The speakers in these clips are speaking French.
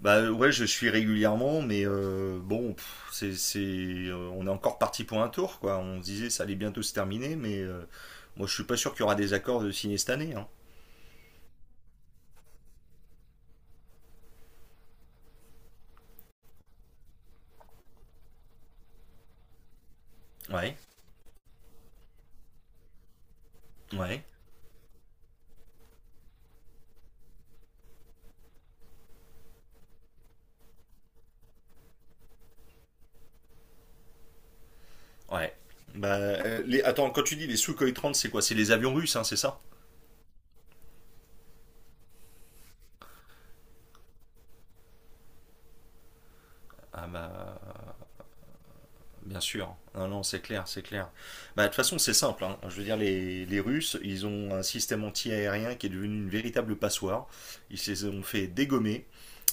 Bah ouais, je suis régulièrement, mais bon, c'est, on est encore parti pour un tour, quoi. On se disait ça allait bientôt se terminer, mais moi je suis pas sûr qu'il y aura des accords de signer cette année, hein. Ouais, ouais, ouais. Bah, attends, quand tu dis les Sukhoi 30, c'est quoi? C'est les avions russes, hein, c'est ça? Ah bah, bien sûr. Non, non, c'est clair, c'est clair. Bah, de toute façon, c'est simple, hein. Je veux dire, les Russes, ils ont un système anti-aérien qui est devenu une véritable passoire. Ils se les ont fait dégommer.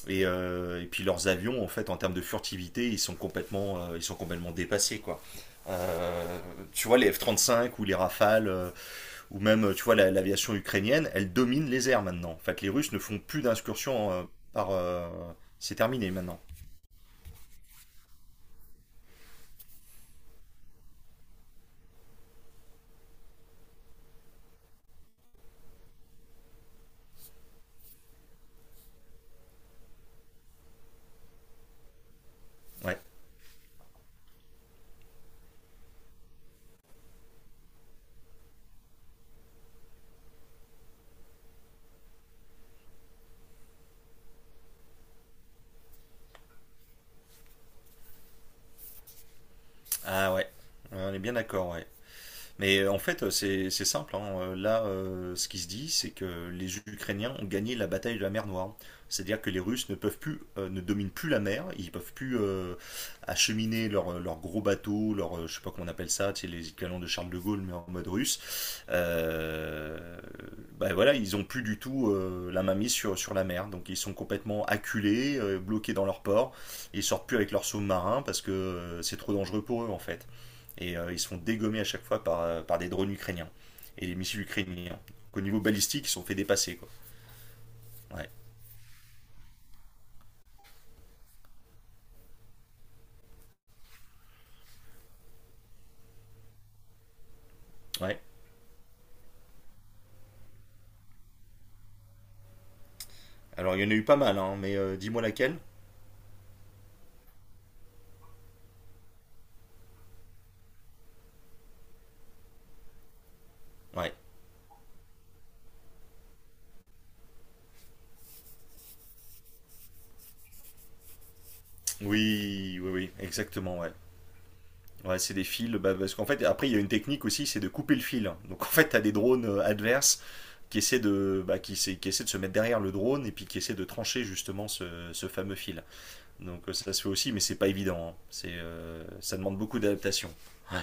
Et puis leurs avions, en fait, en termes de furtivité, ils sont complètement dépassés, quoi. Euh, Tu vois, les F-35 ou les Rafales, ou même, tu vois, l'aviation ukrainienne, elle domine les airs maintenant. En fait, les Russes ne font plus d'incursions. Par... euh, C'est terminé maintenant. Ouais. Ah ouais. On est bien d'accord, ouais. Mais en fait, c'est simple, hein. Là, ce qui se dit, c'est que les Ukrainiens ont gagné la bataille de la mer Noire. C'est-à-dire que les Russes ne dominent plus la mer. Ils peuvent plus acheminer leurs gros bateaux, je sais pas comment on appelle ça, tu sais, les canons de Charles de Gaulle, mais en mode russe. Euh, ben voilà, ils ont plus du tout la mainmise sur la mer. Donc ils sont complètement acculés, bloqués dans leur port. Ils sortent plus avec leurs sous-marins parce que c'est trop dangereux pour eux en fait, et ils se font dégommer à chaque fois par des drones ukrainiens et des missiles ukrainiens. Donc, au niveau balistique, ils se sont fait dépasser, quoi. Ouais. Ouais. Alors, il y en a eu pas mal, hein, mais dis-moi laquelle. Ouais. Oui, oui, oui, exactement, ouais. Ouais, c'est des fils, bah, parce qu'en fait, après, il y a une technique aussi, c'est de couper le fil. Donc, en fait, t'as des drones adverses qui essaient de se mettre derrière le drone et puis qui essaient de trancher justement ce fameux fil. Donc, ça se fait aussi, mais c'est pas évident, hein. Ça demande beaucoup d'adaptation. Ouais.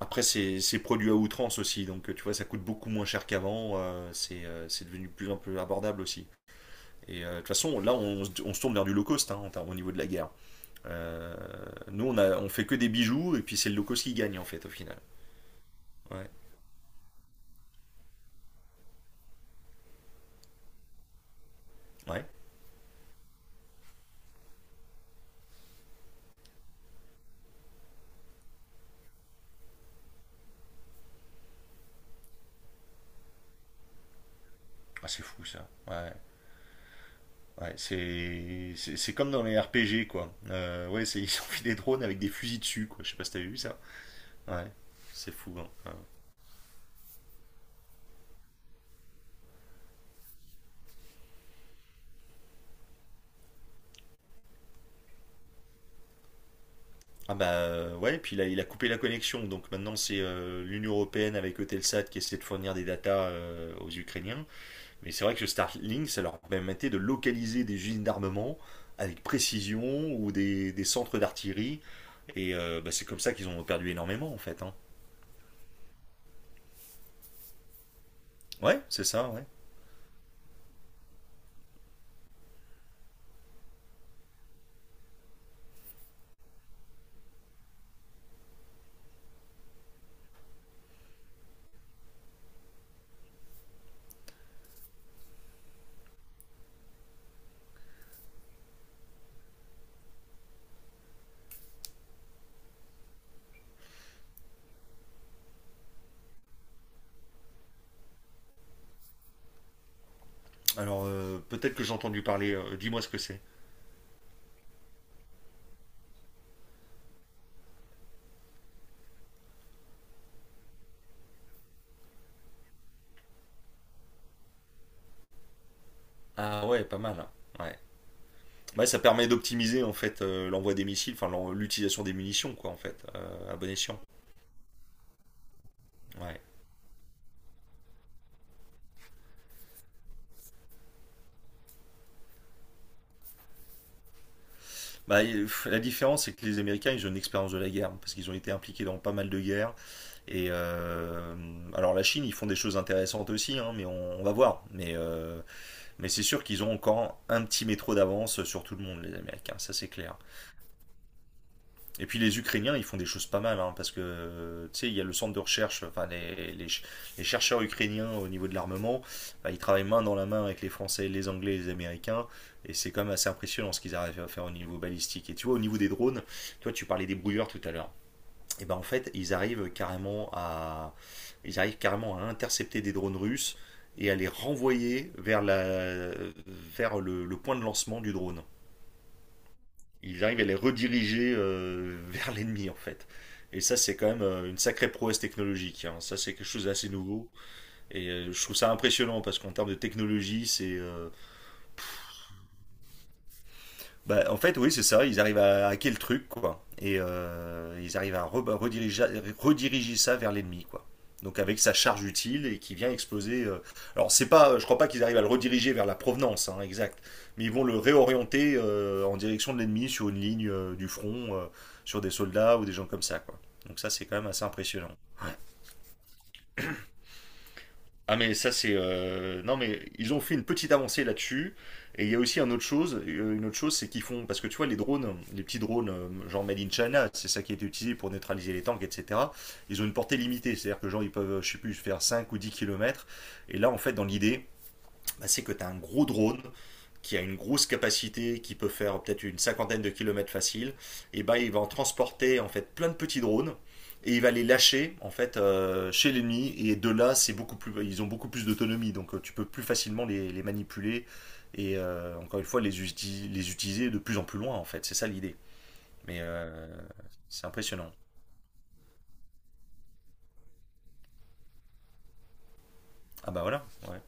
Après, c'est produit à outrance aussi, donc tu vois, ça coûte beaucoup moins cher qu'avant, c'est devenu plus un peu abordable aussi. Et de toute façon, là, on se tourne vers du low cost, hein, au niveau de la guerre. Euh, nous, on fait que des bijoux, et puis c'est le low cost qui gagne, en fait, au final. Ouais. Ouais. Ah, c'est fou, ça. Ouais. Ouais, c'est comme dans les RPG, quoi. Ouais, ils ont fait des drones avec des fusils dessus, quoi. Je sais pas si t'avais vu ça. Ouais. C'est fou, hein. Ouais. Ah bah ouais, puis il a coupé la connexion, donc maintenant c'est l'Union Européenne avec Eutelsat qui essaie de fournir des datas aux Ukrainiens. Mais c'est vrai que ce Starlink, ça leur permettait de localiser des usines d'armement avec précision ou des centres d'artillerie. Et bah, c'est comme ça qu'ils ont perdu énormément en fait, hein. Ouais, c'est ça, ouais. Alors peut-être que j'ai entendu parler, dis-moi ce que c'est. Ah ouais, pas mal, hein. Ouais. Ouais, ça permet d'optimiser en fait l'envoi des missiles, enfin l'utilisation des munitions quoi en fait, à bon escient. Ouais. Bah, la différence, c'est que les Américains, ils ont une expérience de la guerre, parce qu'ils ont été impliqués dans pas mal de guerres. Et alors la Chine, ils font des choses intéressantes aussi, hein, mais on va voir. Mais c'est sûr qu'ils ont encore un petit métro d'avance sur tout le monde, les Américains, ça c'est clair. Et puis les Ukrainiens, ils font des choses pas mal, hein, parce que tu sais, il y a le centre de recherche, enfin les chercheurs ukrainiens au niveau de l'armement, bah, ils travaillent main dans la main avec les Français, les Anglais, les Américains, et c'est quand même assez impressionnant ce qu'ils arrivent à faire au niveau balistique. Et tu vois, au niveau des drones, tu vois, tu parlais des brouilleurs tout à l'heure. Et ben en fait, ils arrivent carrément à intercepter des drones russes et à les renvoyer vers le point de lancement du drone. Il arrive à les rediriger vers l'ennemi en fait. Et ça, c'est quand même une sacrée prouesse technologique, hein. Ça, c'est quelque chose d'assez nouveau. Et je trouve ça impressionnant parce qu'en termes de technologie. C'est Bah, en fait, oui, c'est ça. Ils arrivent à hacker le truc, quoi. Et ils arrivent à rediriger ça vers l'ennemi, quoi. Donc avec sa charge utile et qui vient exploser. Alors c'est pas, je crois pas qu'ils arrivent à le rediriger vers la provenance, hein, exact. Mais ils vont le réorienter en direction de l'ennemi sur une ligne du front, sur des soldats ou des gens comme ça, quoi. Donc ça c'est quand même assez impressionnant. Ah mais ça c'est non mais ils ont fait une petite avancée là-dessus. Et il y a aussi une autre chose c'est qu'ils font, parce que tu vois les petits drones, genre made in China, c'est ça qui a été utilisé pour neutraliser les tanks, etc. Ils ont une portée limitée, c'est-à-dire que genre ils peuvent je sais plus faire 5 ou 10 kilomètres. Et là en fait, dans l'idée, bah, c'est que tu as un gros drone qui a une grosse capacité, qui peut faire peut-être une cinquantaine de kilomètres facile, et bah il va en transporter en fait plein de petits drones, et il va les lâcher en fait chez l'ennemi. Et de là, c'est beaucoup plus ils ont beaucoup plus d'autonomie, donc tu peux plus facilement les manipuler, et encore une fois les utiliser de plus en plus loin en fait, c'est ça l'idée. Mais c'est impressionnant. Ah bah voilà, ouais,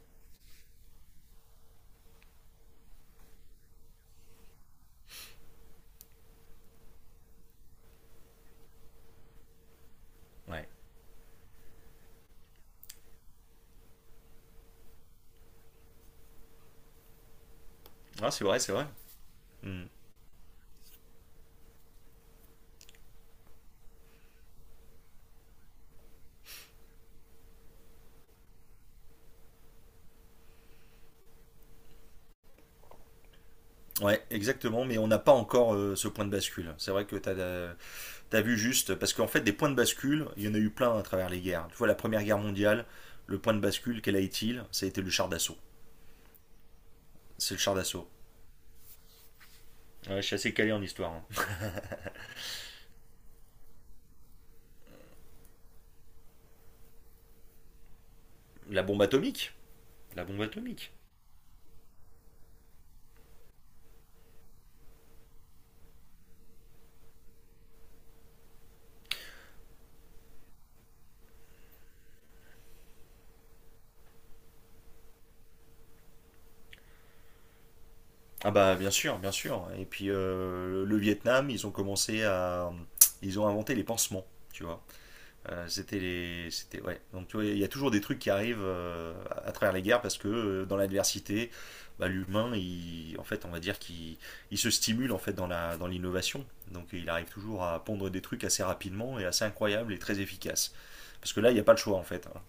ouais. Ah, c'est vrai, c'est vrai. Hmm. Ouais, exactement, mais on n'a pas encore ce point de bascule, c'est vrai que T'as vu juste, parce qu'en fait, des points de bascule, il y en a eu plein à travers les guerres. Tu vois, la Première Guerre mondiale, le point de bascule, quel a été-il? Ça a été le char d'assaut. C'est le char d'assaut. Ouais, je suis assez calé en histoire, hein. La bombe atomique. La bombe atomique. Ah bah, bien sûr, bien sûr. Et puis, le Vietnam, ils ont commencé à... Ils ont inventé les pansements, tu vois. C'était ouais. Donc tu vois, il y a toujours des trucs qui arrivent à travers les guerres parce que dans l'adversité, bah, l'humain, en fait, on va dire qu'il, il se stimule en fait dans l'innovation. Donc il arrive toujours à pondre des trucs assez rapidement et assez incroyables et très efficaces. Parce que là, il n'y a pas le choix en fait, hein.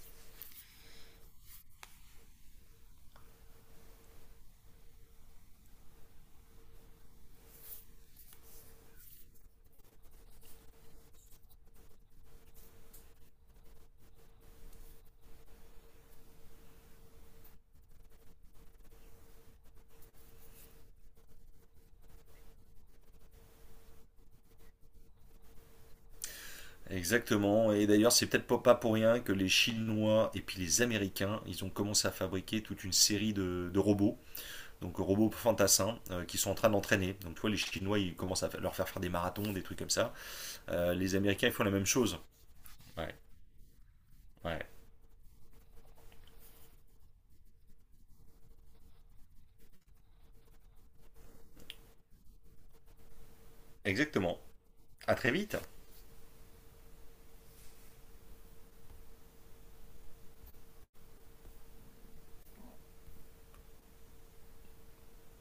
Exactement. Et d'ailleurs, c'est peut-être pas pour rien que les Chinois et puis les Américains, ils ont commencé à fabriquer toute une série de robots, donc robots fantassins qui sont en train d'entraîner. Donc tu vois, les Chinois, ils commencent à leur faire faire des marathons, des trucs comme ça. Les Américains, ils font la même chose. Ouais, ouais, exactement. À très vite.